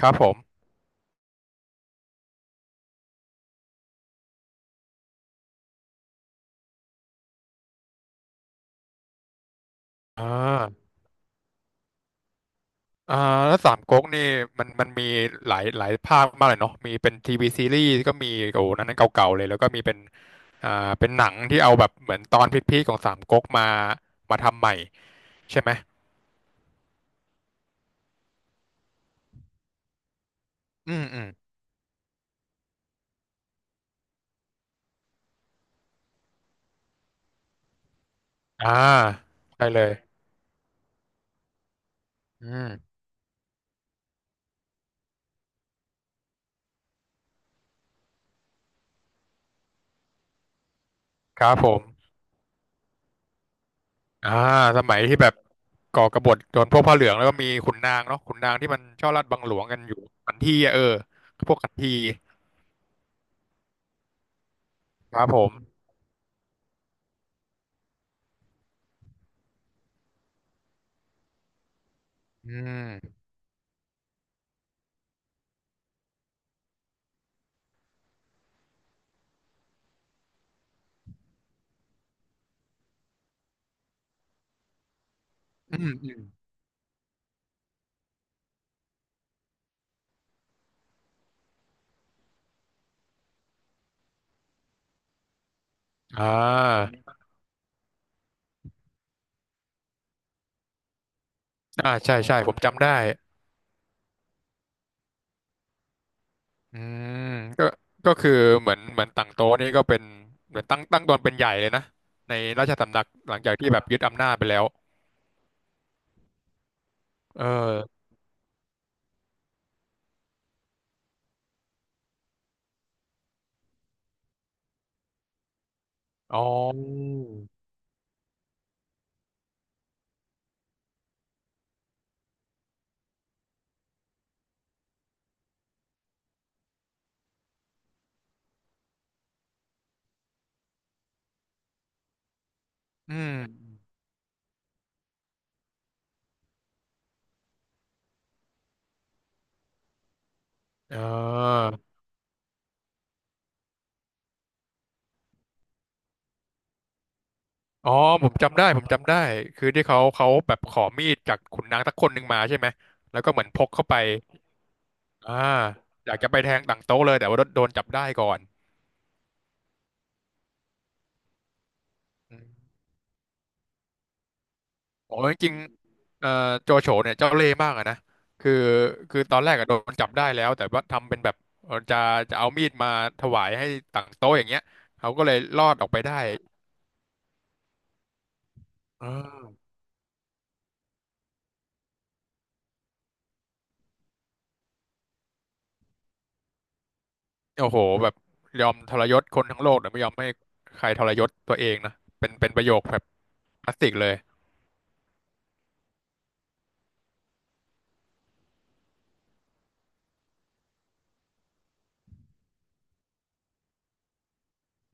ครับผมอ่าอ่าแล้วสามก๊กนี่มันมีหลายภาคมากเลยเนาะมีเป็นทีวีซีรีส์ก็มีโอ้โหนั้นเก่าๆเลยแล้วก็มีเป็นอ่าเป็นหนังที่เอาแบบเหมือนตอนพีคๆของสามก๊กมามาทำใหม่ใช่ไหมอืมอืมอ่าใช่เลยอืมครับผมอ่าสมัยที่แบบก่อกบฏโดนพวกผ้าเหลืองแล้วก็มีขุนนางเนาะขุนนางที่มันชอบลัดบังหลวงกันอยู่ขันทีอะเออพวกขันทีครับผมอืมอืมอืมอ่า อ่าใช่ใช่ผมจำได้อืมก็ก็คือเหมือนตั้งโต๊ะนี่ก็เป็นเหมือนตั้งตนเป็นใหญ่เลยนะในราชสำนักหลังจากที่แบบยึดอำนาจไปแล้วเอออ๋ออืมเอออ๋อผมจำได้คือที่เขาแบบขอมีดจากขุนนางสักคนหนึ่งมาใช่ไหมแล้วก็เหมือนพกเข้าไปอ่าอยากจะไปแทงตั้งโต๊ะเลยแต่ว่าโดนจับได้ก่อน โอ้ยจริงๆโจโฉเนี่ยเจ้าเล่ห์มากอะนะคือคือตอนแรกอะโดนจับได้แล้วแต่ว่าทำเป็นแบบเอ่อจะจะเอามีดมาถวายให้ต่างโต๊ะอย่างเงี้ยเขาก็เลยรอดออกไปได้อ่าโอ้โหแบบยอมทรยศคนทั้งโลกแต่ไม่ยอมให้ใครทรยศตัวเองนะเป็นประโยคแบบคลาสสิกเลย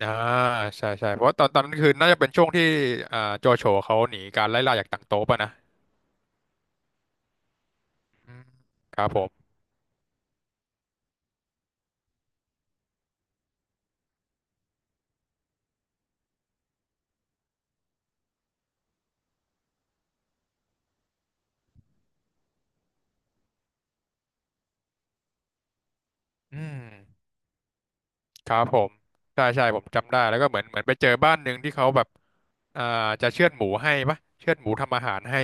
อ่าใช่ใช่เพราะว่าตอนนั้นคือน่าจะเป็นช่วงที่อ่าโจโฉเขาหนีการไล่ล่าจากต่างโต๊ะป่ะนะอืมครับผมอืม ครับผมใช่ใช่ผมจำได้แล้วก็เหมือนไปเจอบ้านหนึ่งที่เขาแบบอ่าจะเชือดหมูให้ปะเชือดหมูทำอาหารให้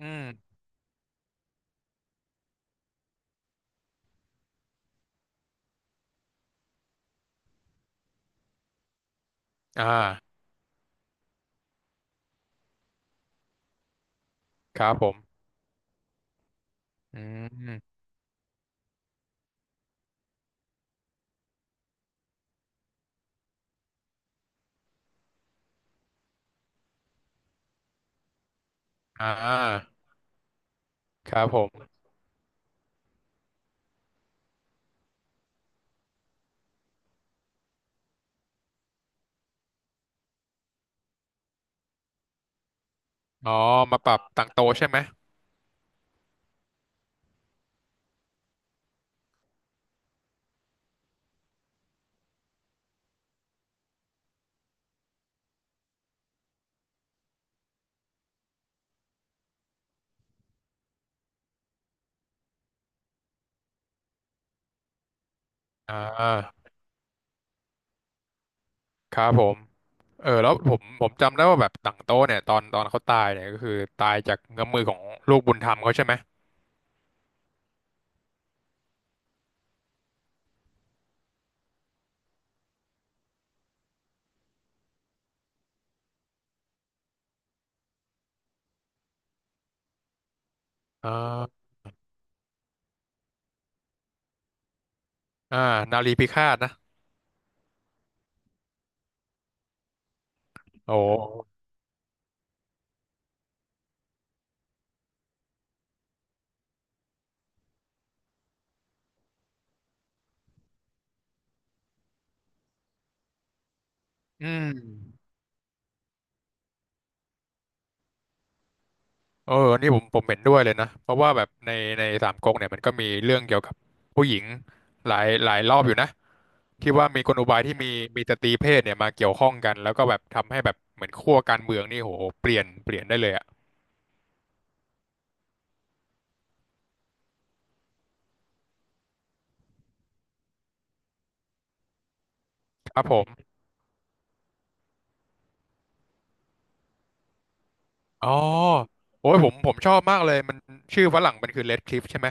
อืมอ่าครับผมอืมอ่าครับผมอ๋อมาปรับต่างโตะใช่ไหมอ่าครับผมเออแล้วผมจำได้ว่าแบบต่างโตะเนี่ยตอนเขาตายเนี่ยก็คือตายจากเงื้อมมือของลูกบุญธรรมเขาใช่ไหมอ่าอ่านารีพิฆาตนะโอ้อืม เอออันนี่ผมเห็นด้วยเลยนะ เพราะว่าแบบในในสามก๊กเนี่ยมันก็มีเรื่องเกี่ยวกับผู้หญิงหลายรอบอยู่นะที่ว่ามีกลอุบายที่มีสตรีเพศเนี่ยมาเกี่ยวข้องกันแล้วก็แบบทำให้แบบเหมือนขั้วการเมืองนี่โหเปลี่ยนได้เลยอะครับผมอ๋อโอ้ยผมชอบมากเลยมันชื่อฝรั่งมันคือ Red Cliff ใช่ไหม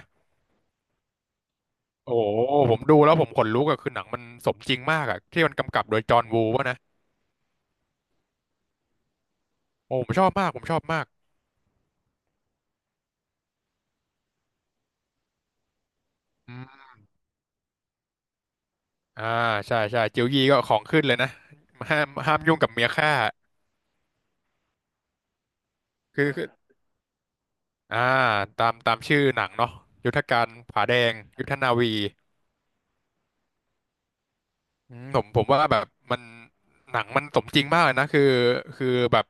โอ้โหผมดูแล้วผมขนลุกอะคือหนังมันสมจริงมากอะที่มันกำกับโดยจอห์นวูวะนะโอ้ผมชอบมากผมชอบมาก อ่าใช่ใช่จิ๋วยีก็ของขึ้นเลยนะห้ามยุ่งกับเมียข้าคืออ่าตามชื่อหนังเนาะยุทธการผาแดงยุทธนาวีอืมผมว่าแบบมันหนังมันสมจริงมากเลยนะคือแบบ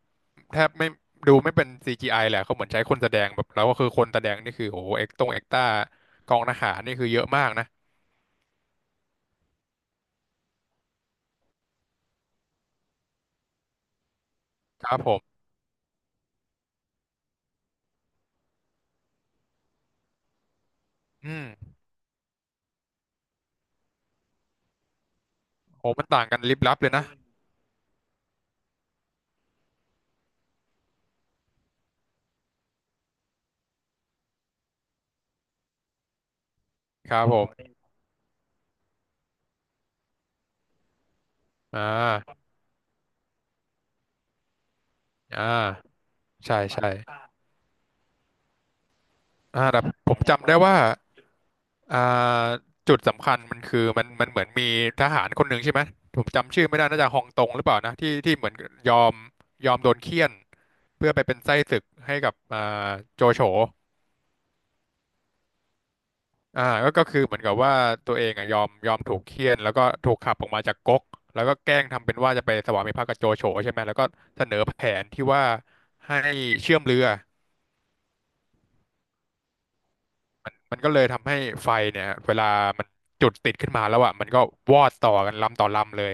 แทบไม่ดูไม่เป็น CGI แหละเขาเหมือนใช้คนแสดงแบบแล้วก็คือคนแสดงนี่คือโอ้โหเอ็กตงเอ็กต้ากองทหารนี่คือเยอะมากนะครับผมอืมโหมันต่างกันลิบลับเลยนะครับผมอ่าอ่าใช่ใช่อ่าแต่ผมจำได้ว่า อ่าจุดสำคัญมันคือมันเหมือนมีทหารคนหนึ่งใช่ไหมผมจำชื่อไม่ได้น่าจะฮองตงหรือเปล่านะที่เหมือนยอมยอมโดนเฆี่ยนเพื่อไปเป็นไส้ศึกให้กับอ่าโจโฉอ่าก็ก็คือเหมือนกับว่าตัวเองอ่ะยอมถูกเฆี่ยนแล้วก็ถูกขับออกมาจากก๊กแล้วก็แกล้งทำเป็นว่าจะไปสวามิภักดิ์กับโจโฉใช่ไหมแล้วก็เสนอแผนที่ว่าให้เชื่อมเรือมันก็เลยทำให้ไฟเนี่ยเวลามันจุดติดขึ้นมาแล้วอ่ะมันก็วอดต่อกันลำต่อลำเลย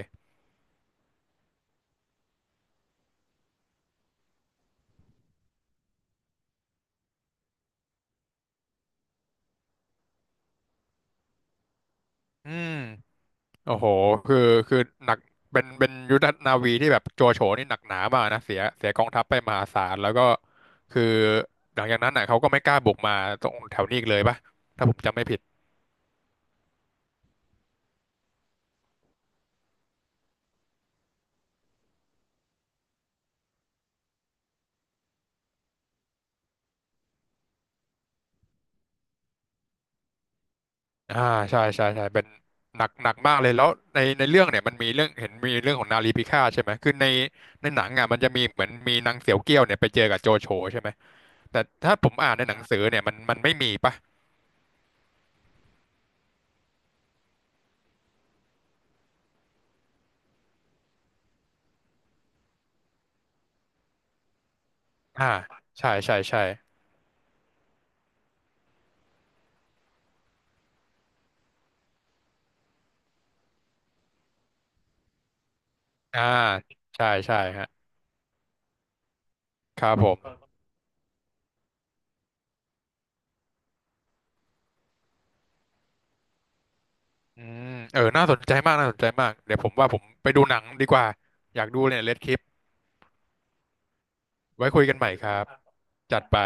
อืม โอ้โหคือคือหนักเป็นยุทธนาวีที่แบบโจโฉนี่หนักหนามากนะเสียกองทัพไปมหาศาลแล้วก็คือหลังจากนั้นน่ะเขาก็ไม่กล้าบุกมาตรงแถวนี้อีกเลยปะถ้าผมจำไม่ผิดอ่าใช่ใช่ใช่เป็นหนักมากเลยแล้วในในเรื่องเนี่ยมันมีเรื่องเห็นมีเรื่องของนารีพิฆาตใช่ไหมคือในในหนังอ่ะมันจะมีเหมือนมีนางเสียวเกี้ยวเนี่ยไปเจอกับโจโฉใช่ไหมแต่ถ้าผมอ่านในหนังสือเนี่ยมัน มันไม่มีปะอ่าใช่ใช่ใช่อ่าใช่ใช่ฮะครับผม อืมเออ น่าสนใจมาก น่าสนใจมาก เดี๋ยวผมว่าผมไปดูหนังดีกว่า อยากดูเนี่ยเลดคลิป ไว้คุยกันใหม่ครับ จัดไป